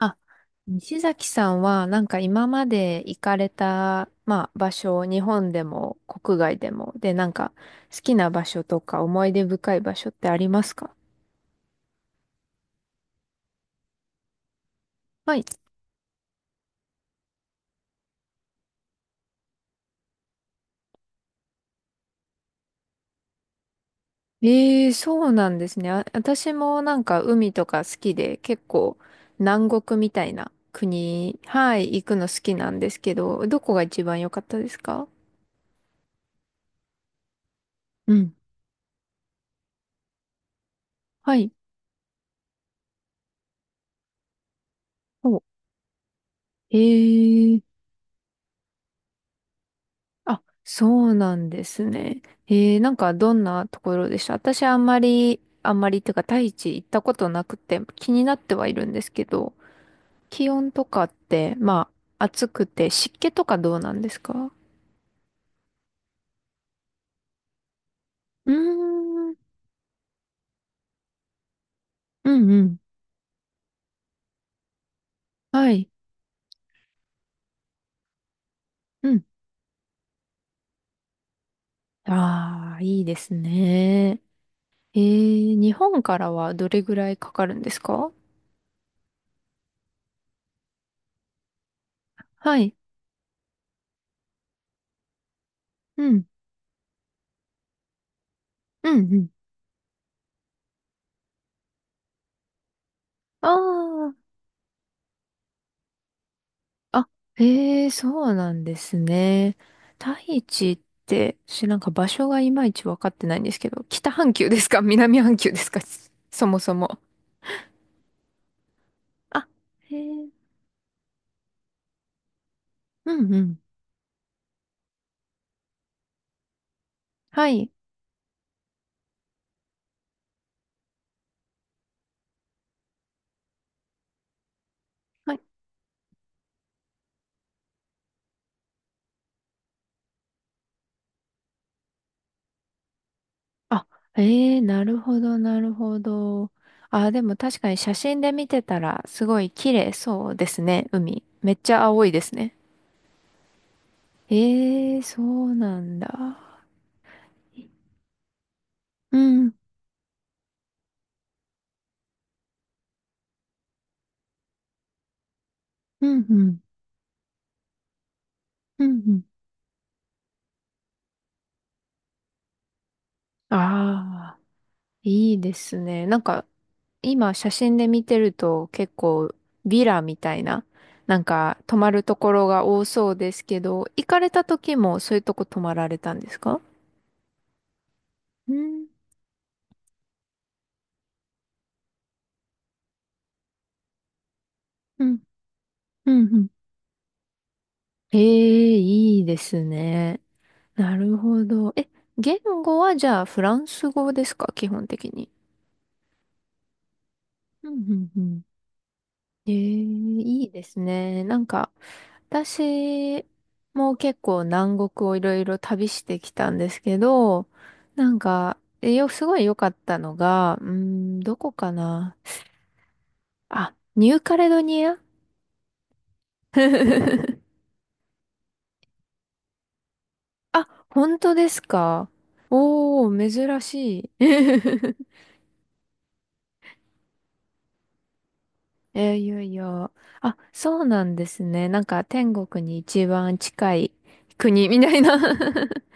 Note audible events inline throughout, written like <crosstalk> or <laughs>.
あ西崎さんは、なんか今まで行かれた、まあ場所、日本でも国外でも、で、なんか好きな場所とか思い出深い場所ってありますか？はい。ええ、そうなんですね。あ、私もなんか海とか好きで、結構南国みたいな国、はい、行くの好きなんですけど、どこが一番良かったですか？うん。はい。お、ええ、あ、そうなんですね。なんかどんなところでした？私あんまり、あんまりっていうか、大地行ったことなくて気になってはいるんですけど、気温とかって、まあ、暑くて湿気とかどうなんですか？うーん、うんうん。はい。うん。ああ、いいですね。日本からはどれぐらいかかるんですか？はい。うん、うん、うん。ああ。あ、へえ、そうなんですね。大地って、私なんか場所がいまいちわかってないんですけど、北半球ですか？ <laughs> 南半球ですか？ <laughs> そもそも。あ、へえ、うんうん。はい。はい。あ、へえ、なるほど、なるほど。あ、でも確かに写真で見てたら、すごい綺麗そうですね、海。めっちゃ青いですね。へえ、そうなんだ。うん、うん、うん、うん、うん。ああ。いいですね。なんか、今写真で見てると結構ビラみたいな、なんか泊まるところが多そうですけど、行かれた時もそういうとこ泊まられたんですか？うん、うん、うん、うん。ええ、いいですね。なるほど。え、言語はじゃあフランス語ですか、基本的に？うんうんうん、ええ、いいですね。なんか、私も結構南国をいろいろ旅してきたんですけど、なんか、すごい良かったのが、どこかな。あ、ニューカレドニア <laughs> あ、本当ですか？おー、珍しい。<laughs> いやいや。あ、そうなんですね。なんか天国に一番近い国みたいな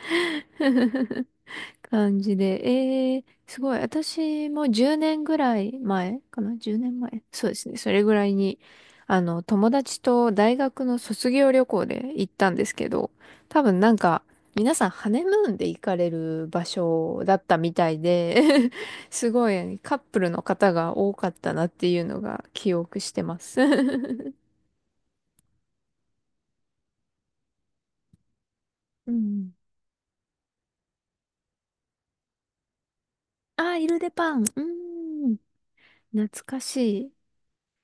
<laughs> 感じで、すごい。私も10年ぐらい前かな？ 10 年前、そうですね。それぐらいに、友達と大学の卒業旅行で行ったんですけど、多分なんか、皆さんハネムーンで行かれる場所だったみたいで <laughs> すごいカップルの方が多かったなっていうのが記憶してます。 <laughs> うん。あー、イルデパン。うん。懐かしい。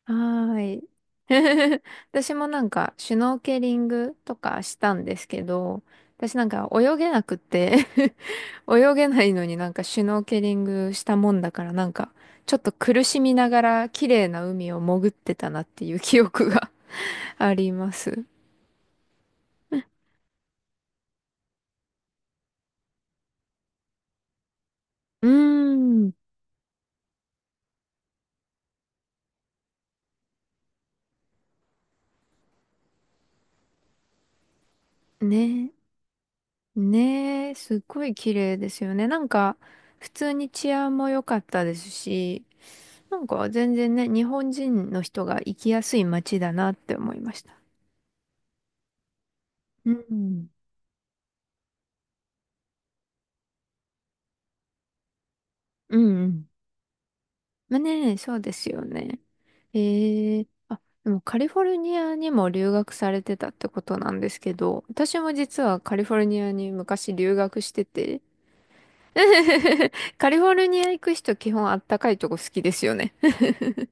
はーい。<laughs> 私もなんか、シュノーケリングとかしたんですけど、私なんか泳げなくて <laughs> 泳げないのになんかシュノーケリングしたもんだからなんか、ちょっと苦しみながら綺麗な海を潜ってたなっていう記憶が <laughs> あります。うーん。ね。ねえ、すっごい綺麗ですよね。なんか、普通に治安も良かったですし、なんか全然ね、日本人の人が行きやすい街だなって思いました。うん。うんうん。まあね、そうですよね。ええ、あ、でもカリフォルニアにも留学されてたってことなんですけど、私も実はカリフォルニアに昔留学してて、<laughs> カリフォルニア行く人基本あったかいとこ好きですよね。<laughs>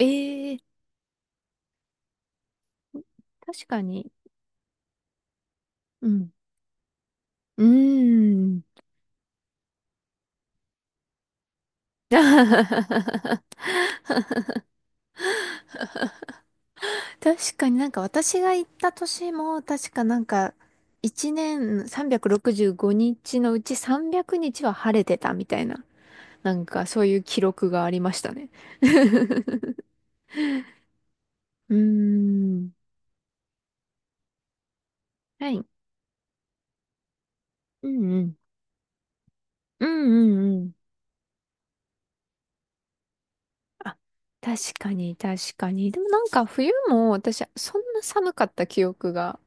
ええ、確かに。うん。うーん。確かに、なんか私が行った年も確かなんか1年365日のうち300日は晴れてたみたいな、なんかそういう記録がありましたね。<laughs> うーん。はい。うんうん。うんうんうん。あ、確かに、確かに。でもなんか冬も私、そんな寒かった記憶が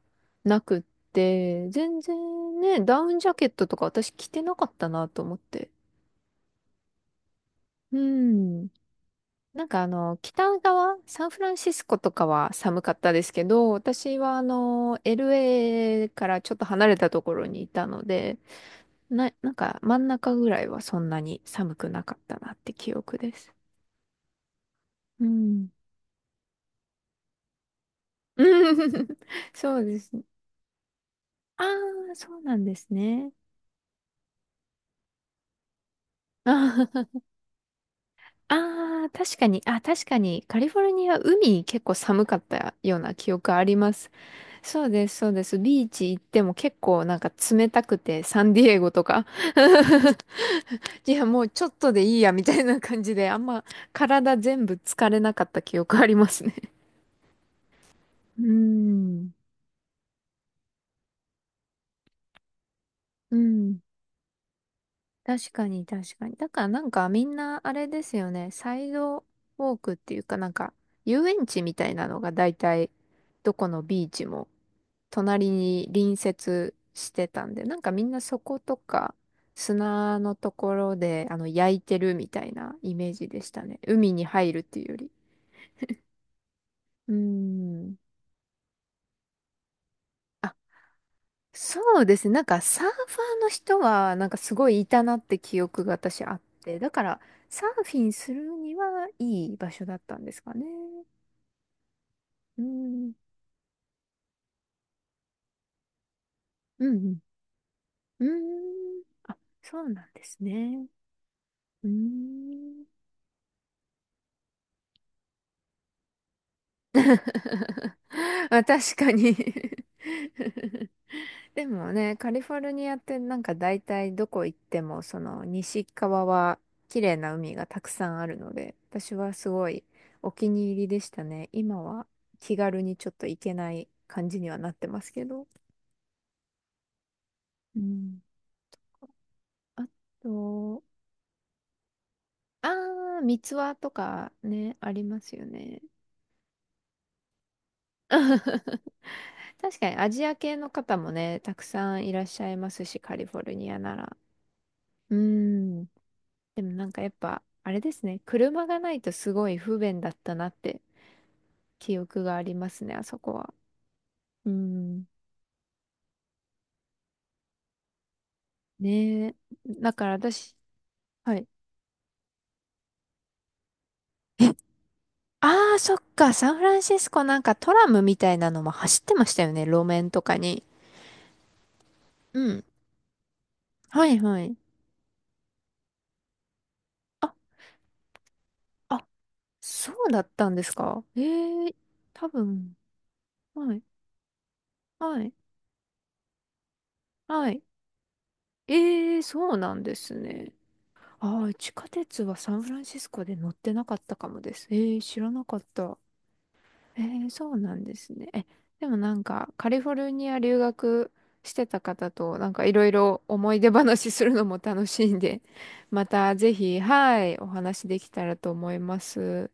なくって、全然ね、ダウンジャケットとか私着てなかったなと思って。うん。なんかあの、北側、サンフランシスコとかは寒かったですけど、私はあの、LA からちょっと離れたところにいたので、なんか真ん中ぐらいはそんなに寒くなかったなって記憶です。うん。<laughs> そうですね。ああ、そうなんですね。<laughs> あーあー、確かに、確かに、カリフォルニア、海結構寒かったような記憶あります。そうです、そうです。ビーチ行っても結構なんか冷たくて、サンディエゴとか。<laughs> いや、もうちょっとでいいや、みたいな感じで、あんま体全部疲れなかった記憶ありますね。うーん、うん。確かに確かに。だからなんかみんなあれですよね。サイドウォークっていうかなんか遊園地みたいなのが大体どこのビーチも隣に隣接してたんで、なんかみんなそことか砂のところであの焼いてるみたいなイメージでしたね。海に入るっていうより。うーん。あ、そうですね。なんかサーファーの人はなんかすごいいたなって記憶が私あって、だからサーフィンするにはいい場所だったんですかね。うん。うん。うん。あ、そうなんですね。うん。<laughs> まあ確かに。 <laughs> でもね、カリフォルニアってなんか大体どこ行ってもその西側は綺麗な海がたくさんあるので、私はすごいお気に入りでしたね。今は気軽にちょっと行けない感じにはなってますけど。うん。あと、あ三ツ輪とかね、ありますよね。確かにアジア系の方もね、たくさんいらっしゃいますし、カリフォルニアなら。うーん。でもなんかやっぱ、あれですね、車がないとすごい不便だったなって記憶がありますね、あそこは。うん。ねえ。だから私、はい。<laughs> え、ああ、そっか、サンフランシスコなんかトラムみたいなのも走ってましたよね、路面とかに。うん。はいはい。あ、あ、そうだったんですか？ええ、多分。はい、はい、はい。ええ、そうなんですね。ああ、地下鉄はサンフランシスコで乗ってなかったかもです。ええ、知らなかった。そうなんですね。え、でもなんか、カリフォルニア留学してた方と、なんかいろいろ思い出話するのも楽しいんで、またぜひ、はい、お話できたらと思います。